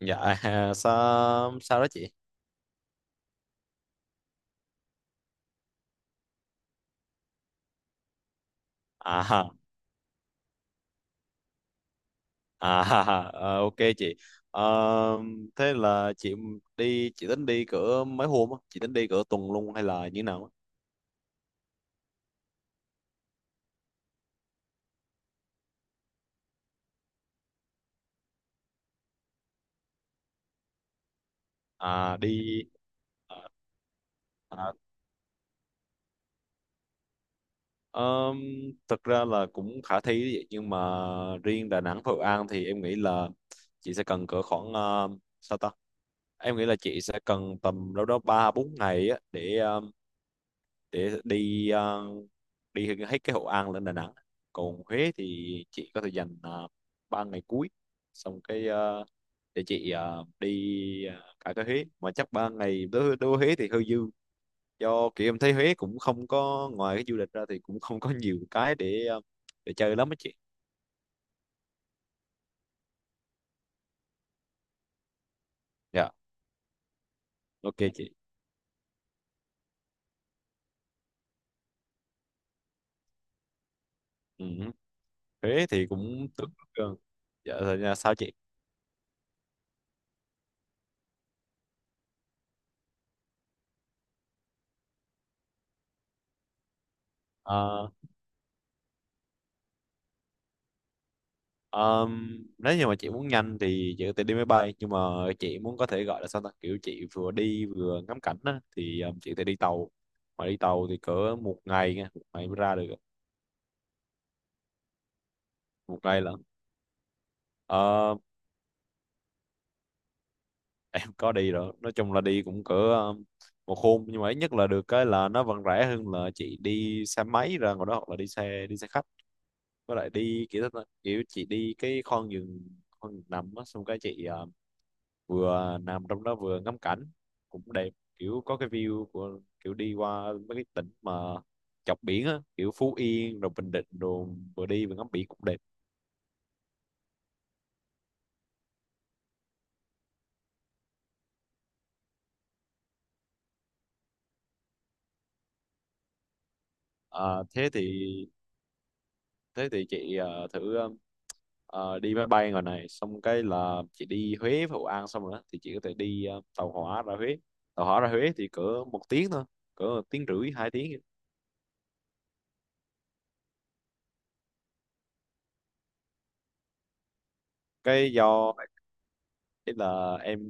Dạ ha, sao sao đó chị? À ha, à ha, ha, ờ, ok chị. Ờ, thế là chị đi chị tính đi cỡ mấy hôm á? Chị tính đi cỡ tuần luôn hay là như thế nào? Á? À đi à, à, ờm, thực ra là cũng khả thi đấy chị, nhưng mà riêng Đà Nẵng và Hội An thì em nghĩ là chị sẽ cần cỡ khoảng sao ta? Em nghĩ là chị sẽ cần tầm đâu đó 3 4 ngày á để đi đi hết cái Hội An lên Đà Nẵng còn Huế thì chị có thể dành uh, 3 ngày cuối xong cái ờ, để chị ờ, đi ờ, cả cái Huế mà chắc 3 ngày đối đối với Huế thì hơi dư do kiểu em thấy Huế cũng không có ngoài cái du lịch ra thì cũng không có nhiều cái để để chơi lắm á chị. Dạ ok chị. Ừ. Huế thì cũng tương đối gần. Dạ rồi nha, sao chị? À, nếu như mà chị muốn nhanh thì chị có thể đi máy bay nhưng mà chị muốn có thể gọi là sao ta kiểu chị vừa đi vừa ngắm cảnh á thì chị có thể đi tàu mà đi tàu thì cỡ một ngày nha một ngày mới ra được một ngày lận. Ờ, em có đi rồi nói chung là đi cũng cỡ một hôm nhưng mà ít nhất là được cái là nó vẫn rẻ hơn là chị đi xe máy ra ngoài đó hoặc là đi xe khách với lại đi kiểu đó, kiểu chị đi cái con giường nằm á xong cái chị vừa nằm trong đó vừa ngắm cảnh cũng đẹp kiểu có cái view của kiểu đi qua mấy cái tỉnh mà chọc biển á kiểu Phú Yên rồi Bình Định rồi vừa đi vừa ngắm biển cũng đẹp. À, thế thì thế thì chị ờ, thử ờ, ờ, đi máy bay ngoài này xong cái là chị đi Huế với Hội An xong rồi đó thì chị có thể đi tàu hỏa ra Huế. Tàu hỏa ra Huế thì cỡ một tiếng thôi cỡ một tiếng rưỡi hai tiếng. Cái do cái là em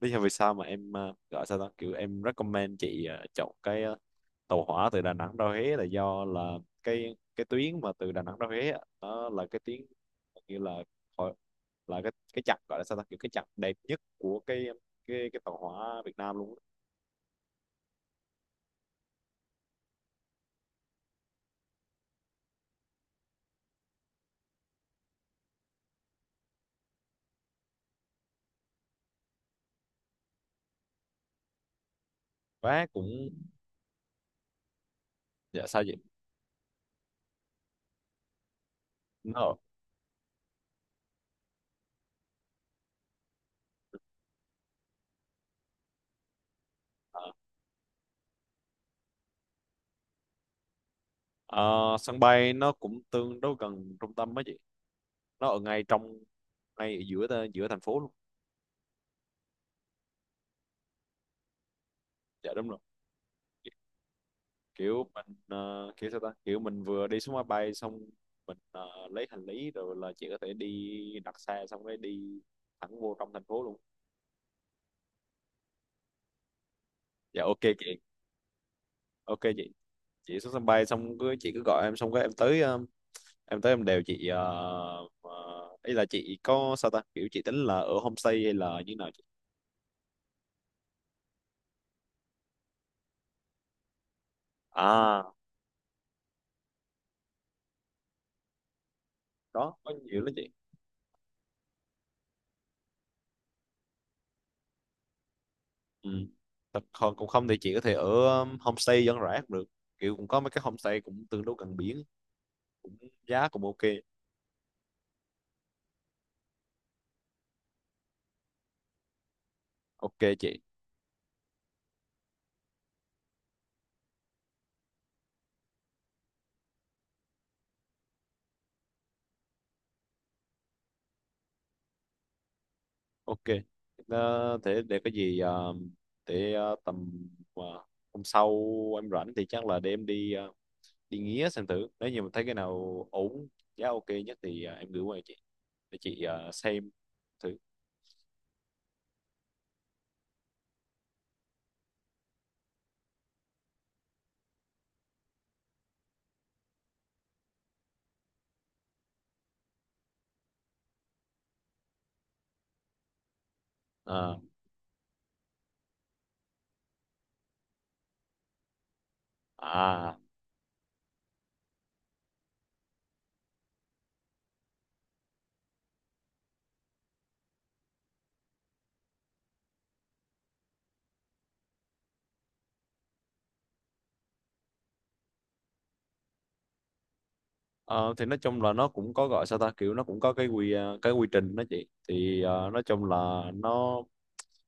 lý do vì sao mà em gọi sao đó kiểu em recommend chị chọn cái à, tàu hỏa từ Đà Nẵng ra Huế là do là cái tuyến mà từ Đà Nẵng ra Huế á, nó là cái tuyến như là hồi- là cái chặng gọi là sao ta kiểu cái chặng đẹp nhất của cái cái tàu hỏa Việt Nam luôn á. Vé cũng dạ sao vậy nó ở- ờ, sân bay nó cũng tương đối gần trung tâm á chị. Nó ở ngay trong ngay ở giữa giữa thành phố luôn. Dạ đúng rồi kiểu mình kiểu sao ta kiểu mình vừa đi xuống máy bay xong mình lấy hành lý rồi là chị có thể đi đặt xe xong cái đi thẳng vô trong thành phố luôn. Dạ ok chị. Ok chị xuống sân bay xong cứ chị cứ gọi em xong cái em tới em tới em đều chị ờ, ờ, ý là chị có sao ta kiểu chị tính là ở homestay hay là như nào chị? À đó có nhiều lắm chị. Ừ. Thật- còn cũng không thì chị có thể ở homestay dân rã cũng được kiểu cũng có mấy cái homestay cũng tương đối gần biển cũng giá cũng ok. Ok chị. Ok. Ờ, thế để có gì ờ, để ờ, tầm ờ, hôm sau em rảnh thì chắc là để em đi đi nghía xem thử nếu như mà thấy cái nào ổn giá ok nhất thì em gửi qua cho chị để chị xem thử. Ờ, à ờ, thì nói chung là nó cũng có gọi sao ta kiểu nó cũng có cái quy cái quy trình đó chị thì nói chung là nó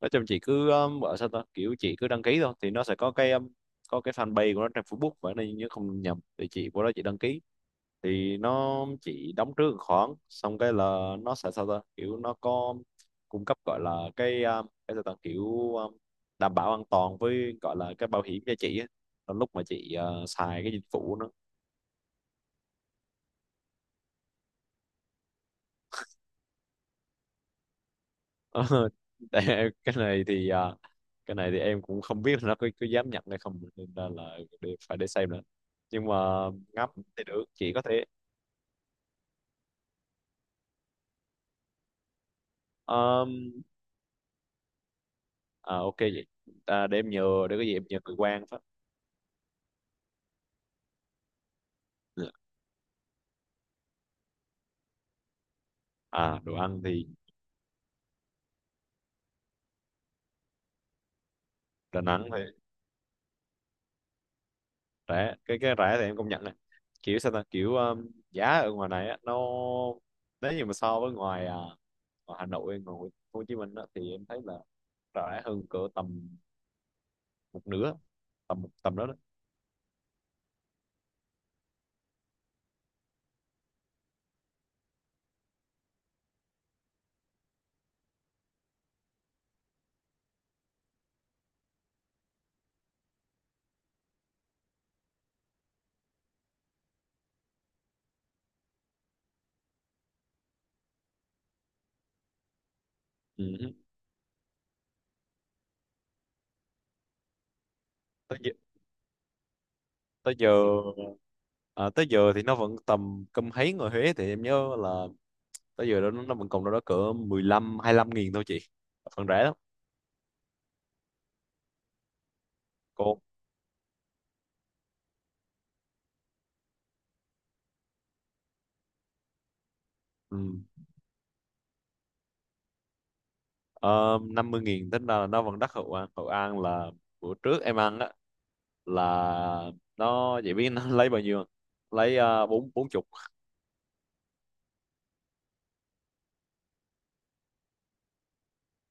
nói chung chị cứ ở sao ta kiểu chị cứ đăng ký thôi thì nó sẽ có cái fanpage của nó trên Facebook vậy nên nhớ không nhầm thì chị của đó chị đăng ký thì nó chị đóng trước một khoản xong cái là nó sẽ sao ta kiểu nó có cung cấp gọi là cái sao ta kiểu um, đảm bảo an toàn với gọi là cái bảo hiểm cho chị á. Trong lúc mà chị xài cái dịch vụ. Ờ, cái này thì à, cái này thì em cũng không biết là nó có dám nhận hay không nên là để, phải để xem nữa nhưng mà ngắm thì được chỉ có thế. um, à, ok vậy à, để em nhờ để cái gì em nhờ người quan phát. À đồ ăn thì Đà Nẵng thì rẻ cái rẻ thì em công nhận này kiểu sao ta kiểu giá ở ngoài này á, nó nếu như mà so với ngoài à, ngoài Hà Nội ngoài Hồ Chí Minh á, thì em thấy là rẻ hơn cỡ tầm một nửa tầm tầm đó đó. Ừ. Tới tới giờ à, tới giờ thì nó vẫn tầm cơm hấy người Huế thì em nhớ là tới giờ đó nó vẫn còn đâu đó cỡ 15 lăm nghìn thôi chị phần rẻ lắm cô. Ừ. 50 nghìn tính ra là nó vẫn đắt. Hậu An Hậu An là bữa trước em ăn á là nó vậy biết nó lấy bao nhiêu không? Lấy bốn bốn chục.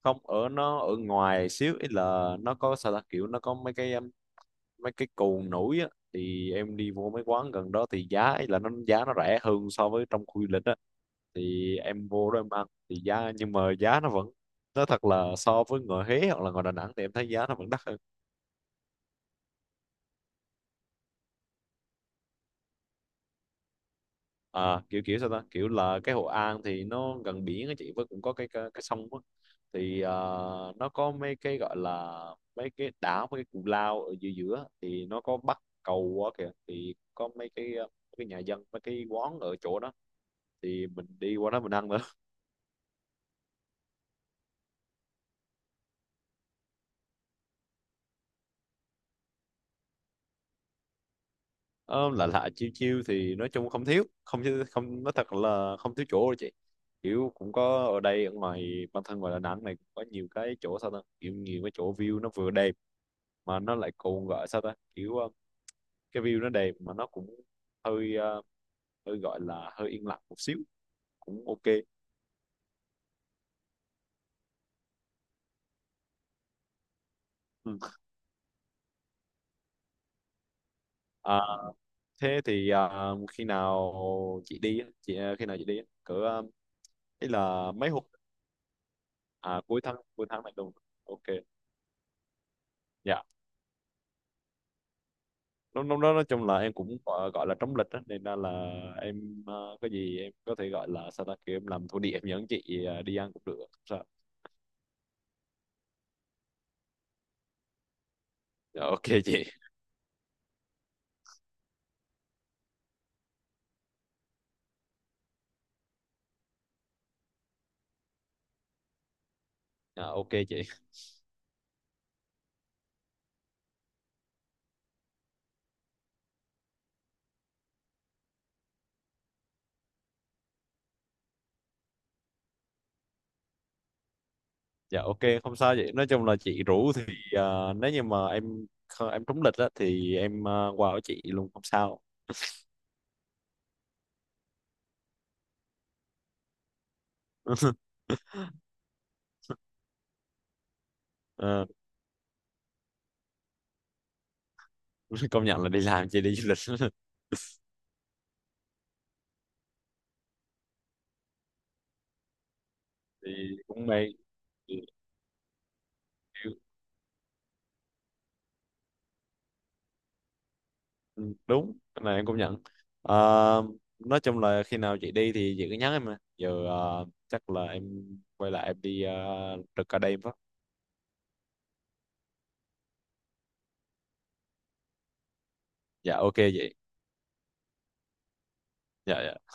Không ở nó ở ngoài xíu ý là nó có sao ta kiểu nó có mấy cái cồn nổi á thì em đi vô mấy quán gần đó thì giá ấy là nó giá nó rẻ hơn so với trong khu du lịch á thì em vô đó em ăn thì giá nhưng mà giá nó vẫn nói thật là so với ngoài Huế hoặc là ngoài Đà Nẵng thì em thấy giá nó vẫn đắt hơn. À kiểu kiểu sao ta kiểu là cái Hội An thì nó gần biển á chị với cũng có cái sông á thì à, nó có mấy cái gọi là mấy cái đảo mấy cái cù lao ở giữa giữa thì nó có bắc cầu quá kìa thì có mấy cái cái nhà dân mấy cái quán ở chỗ đó thì mình đi qua đó mình ăn. Ờ, lạ lạ chiêu chiêu thì nói chung không thiếu không nói thật là không thiếu chỗ đâu chị kiểu cũng có ở đây ở ngoài bản thân ngoài Đà Nẵng này cũng có nhiều cái chỗ sao ta kiểu nhiều cái chỗ view nó vừa đẹp mà nó lại còn gọi sao ta kiểu cái view nó đẹp mà nó cũng hơi hơi gọi là hơi yên lặng một xíu cũng ok. Ừ. À, thế thì ờ, khi nào chị đi á? Chị ờ, khi nào chị đi á? Cỡ ờ, ý là mấy hôm à cuối tháng này luôn ok. Dạ lúc lúc đó nói chung là em cũng gọi là trống lịch á nên ra là em có gì em có thể gọi là sao ta kêu em làm thổ địa em dẫn chị đi ăn cũng được không sao. Dạ, ok chị. Dạ, ok chị. Dạ ok không sao vậy nói chung là chị rủ thì nếu như mà em em trúng lịch á thì em qua ở chị luôn không sao. Ờ, công nhận là đi làm chị đi du lịch thì cũng may. Ừ, đúng cái này em cũng nhận. Ờ, nói chung là khi nào chị đi thì chị cứ nhắn em mà giờ ờ, chắc là em quay lại em đi trực ở đây em phát. Dạ ok vậy. Dạ dạ.